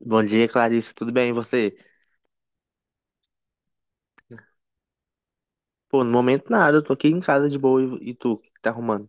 Bom dia, Clarice. Tudo bem, e você? Pô, no momento nada, eu tô aqui em casa de boa e tu, o que que tá arrumando?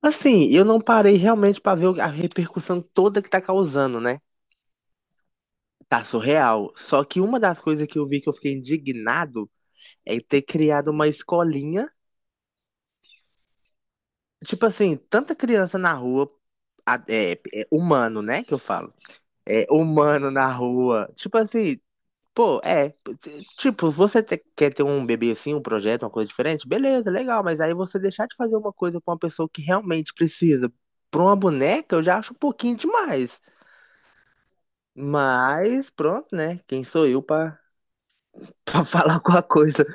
Assim, eu não parei realmente pra ver a repercussão toda que tá causando, né? Tá surreal. Só que uma das coisas que eu vi que eu fiquei indignado é ter criado uma escolinha. Tipo assim, tanta criança na rua, é, é humano, né? Que eu falo. É humano na rua. Tipo assim, pô, é. Tipo, quer ter um bebê assim, um projeto, uma coisa diferente? Beleza, legal, mas aí você deixar de fazer uma coisa pra uma pessoa que realmente precisa. Pra uma boneca, eu já acho um pouquinho demais. Mas, pronto, né? Quem sou eu pra, pra falar alguma coisa?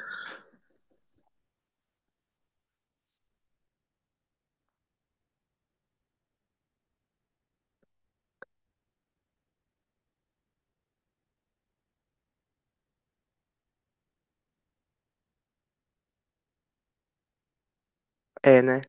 É, né?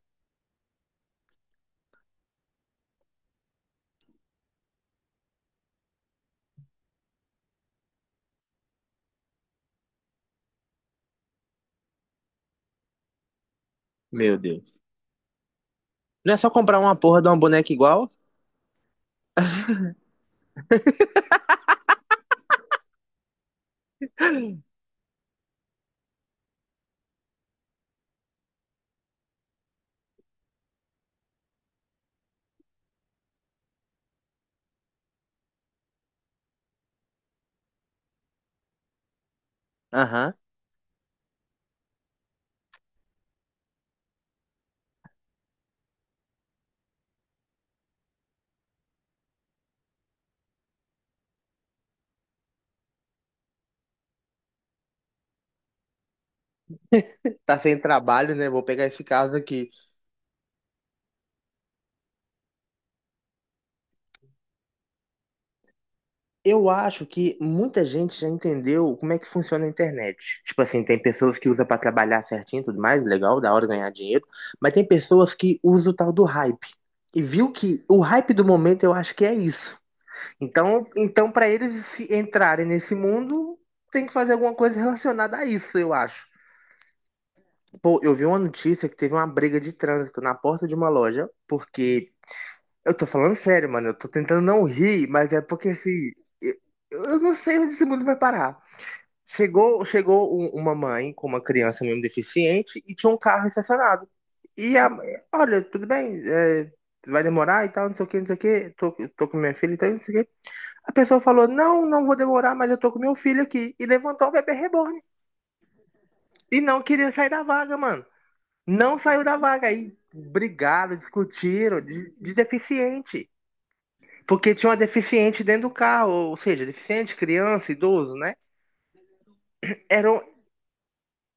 Meu Deus. Não é só comprar uma porra de uma boneca igual? Aham. Tá sem trabalho, né? Vou pegar esse caso aqui. Eu acho que muita gente já entendeu como é que funciona a internet. Tipo assim, tem pessoas que usam pra trabalhar certinho e tudo mais, legal, da hora ganhar dinheiro, mas tem pessoas que usam o tal do hype. E viu que o hype do momento eu acho que é isso. Então para eles se entrarem nesse mundo, tem que fazer alguma coisa relacionada a isso, eu acho. Pô, eu vi uma notícia que teve uma briga de trânsito na porta de uma loja, porque eu tô falando sério, mano. Eu tô tentando não rir, mas é porque assim. Eu, eu não sei onde esse mundo vai parar. Chegou uma mãe com uma criança mesmo deficiente e tinha um carro estacionado. E a olha, tudo bem, é, vai demorar e tal, não sei o que, não sei o que. Tô com minha filha e tal, não sei o que. A pessoa falou: não, não vou demorar, mas eu tô com meu filho aqui. E levantou o bebê reborn. E não queria sair da vaga, mano. Não saiu da vaga. Aí brigaram, discutiram de deficiente. Porque tinha uma deficiente dentro do carro, ou seja, deficiente, criança, idoso, né? Era,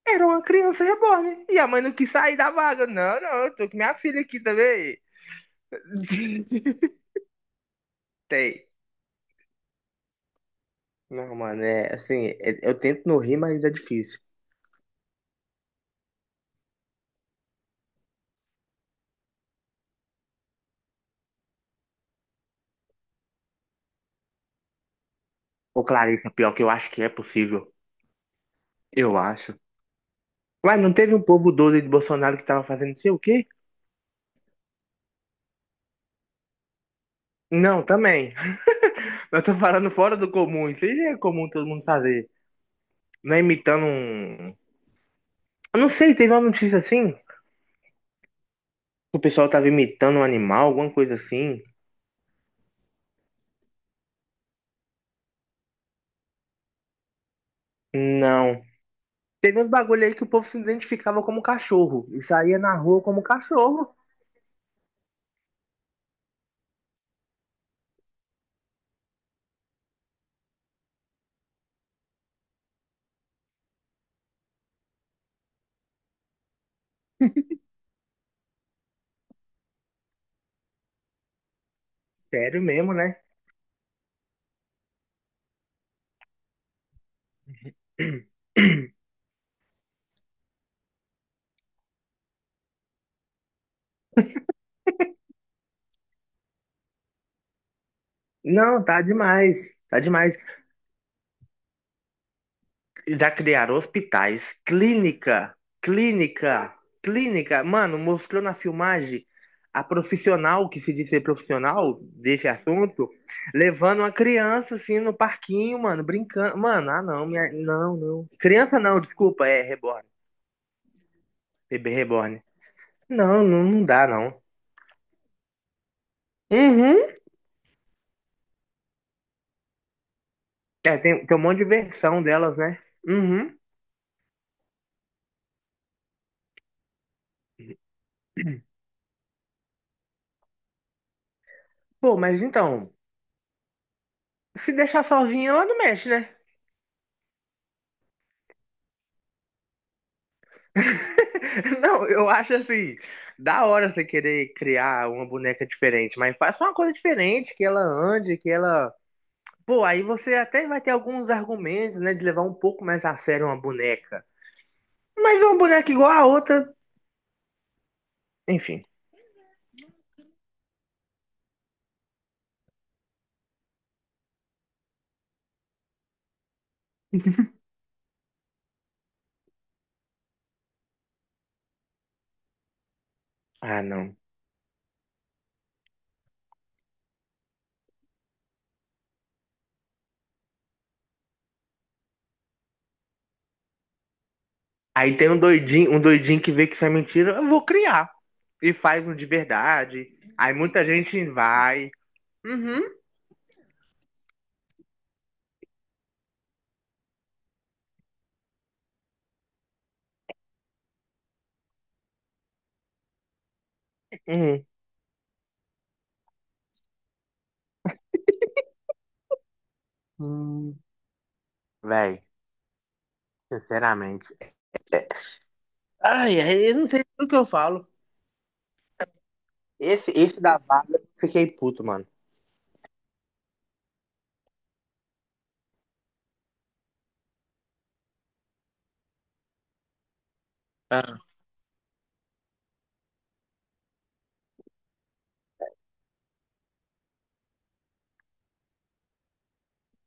era uma criança reborn. E a mãe não quis sair da vaga. Não, não, eu tô com minha filha aqui também. Tem. Não, mano, é assim, eu tento não rir, mas é difícil. Ô, Clarissa, pior que eu acho que é possível. Eu acho. Ué, não teve um povo doido de Bolsonaro que tava fazendo não sei o quê? Não, também. Eu tô falando fora do comum. Isso aí já é comum todo mundo fazer. Não é imitando um. Eu não sei, teve uma notícia assim. O pessoal tava imitando um animal, alguma coisa assim? Não. Teve uns bagulho aí que o povo se identificava como cachorro e saía na rua como cachorro. Sério mesmo, né? Não, tá demais. Tá demais. Já criaram hospitais, clínica. Mano, mostrou na filmagem a profissional que se diz ser profissional desse assunto, levando uma criança assim no parquinho, mano, brincando. Mano, ah não, minha... não, não. Criança não, desculpa, é reborn. Bebê reborn. Não, não, não dá, não. Uhum. É, tem, tem um monte de versão delas, né? Uhum. Pô, mas então, se deixar sozinha, ela não mexe, né? Não, eu acho assim, da hora você querer criar uma boneca diferente, mas faça uma coisa diferente, que ela ande, que ela. Pô, aí você até vai ter alguns argumentos, né, de levar um pouco mais a sério uma boneca. Mas uma boneca igual a outra, enfim. Ah, não. Aí tem um doidinho, que vê que isso é mentira, eu vou criar. E faz um de verdade. Aí muita gente vai. Uhum. Uhum. Hum, véi, sinceramente. é- Ai, ai, eu não sei do que eu falo. Esse da vaga, eu fiquei puto, mano. Ah.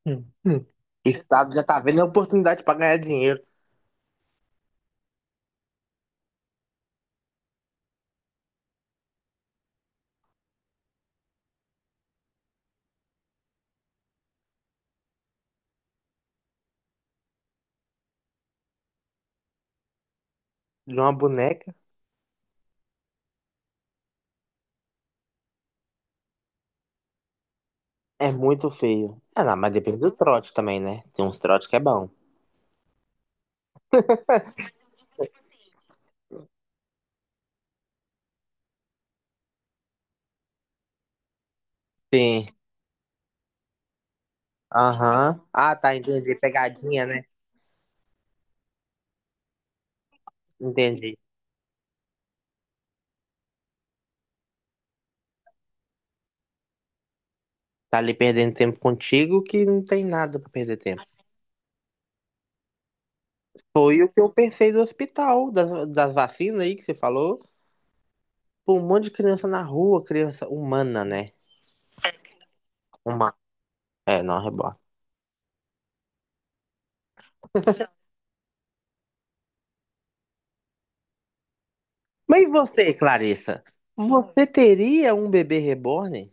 Hum, hum. O Estado já tá vendo a oportunidade pra ganhar dinheiro de uma boneca. É muito feio. Ah, não, mas depende do trote também, né? Tem uns trotes que é bom. Sim. Aham. Ah, tá, entendi. Pegadinha, né? Entendi. Tá ali perdendo tempo contigo que não tem nada pra perder tempo. Foi o que eu pensei do hospital, das vacinas aí que você falou. Pô, um monte de criança na rua, criança humana, né? Uma... É, não, reborn. Mas e você, Clarissa? Você teria um bebê reborn?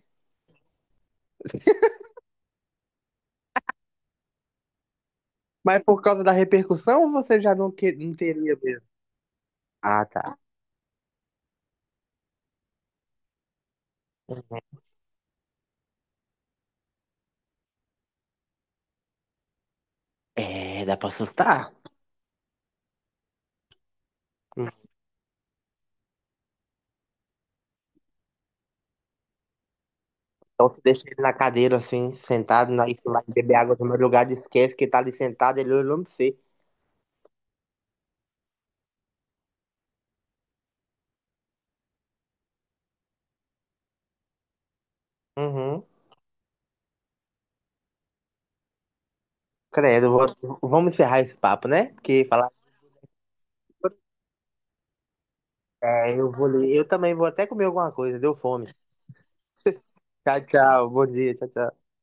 Mas por causa da repercussão, ou você já não, não teria mesmo? Ah, tá. É, dá pra assustar. Então você deixa ele na cadeira, assim, sentado, na isso lá, beber água do meu lugar, esquece que ele tá ali sentado, ele olhando pra você. Uhum. Credo, vamos encerrar esse papo, né? Porque falar. É, eu vou ler. Eu também vou até comer alguma coisa, deu fome. Tchau, tchau. Bom dia, tchau, tchau.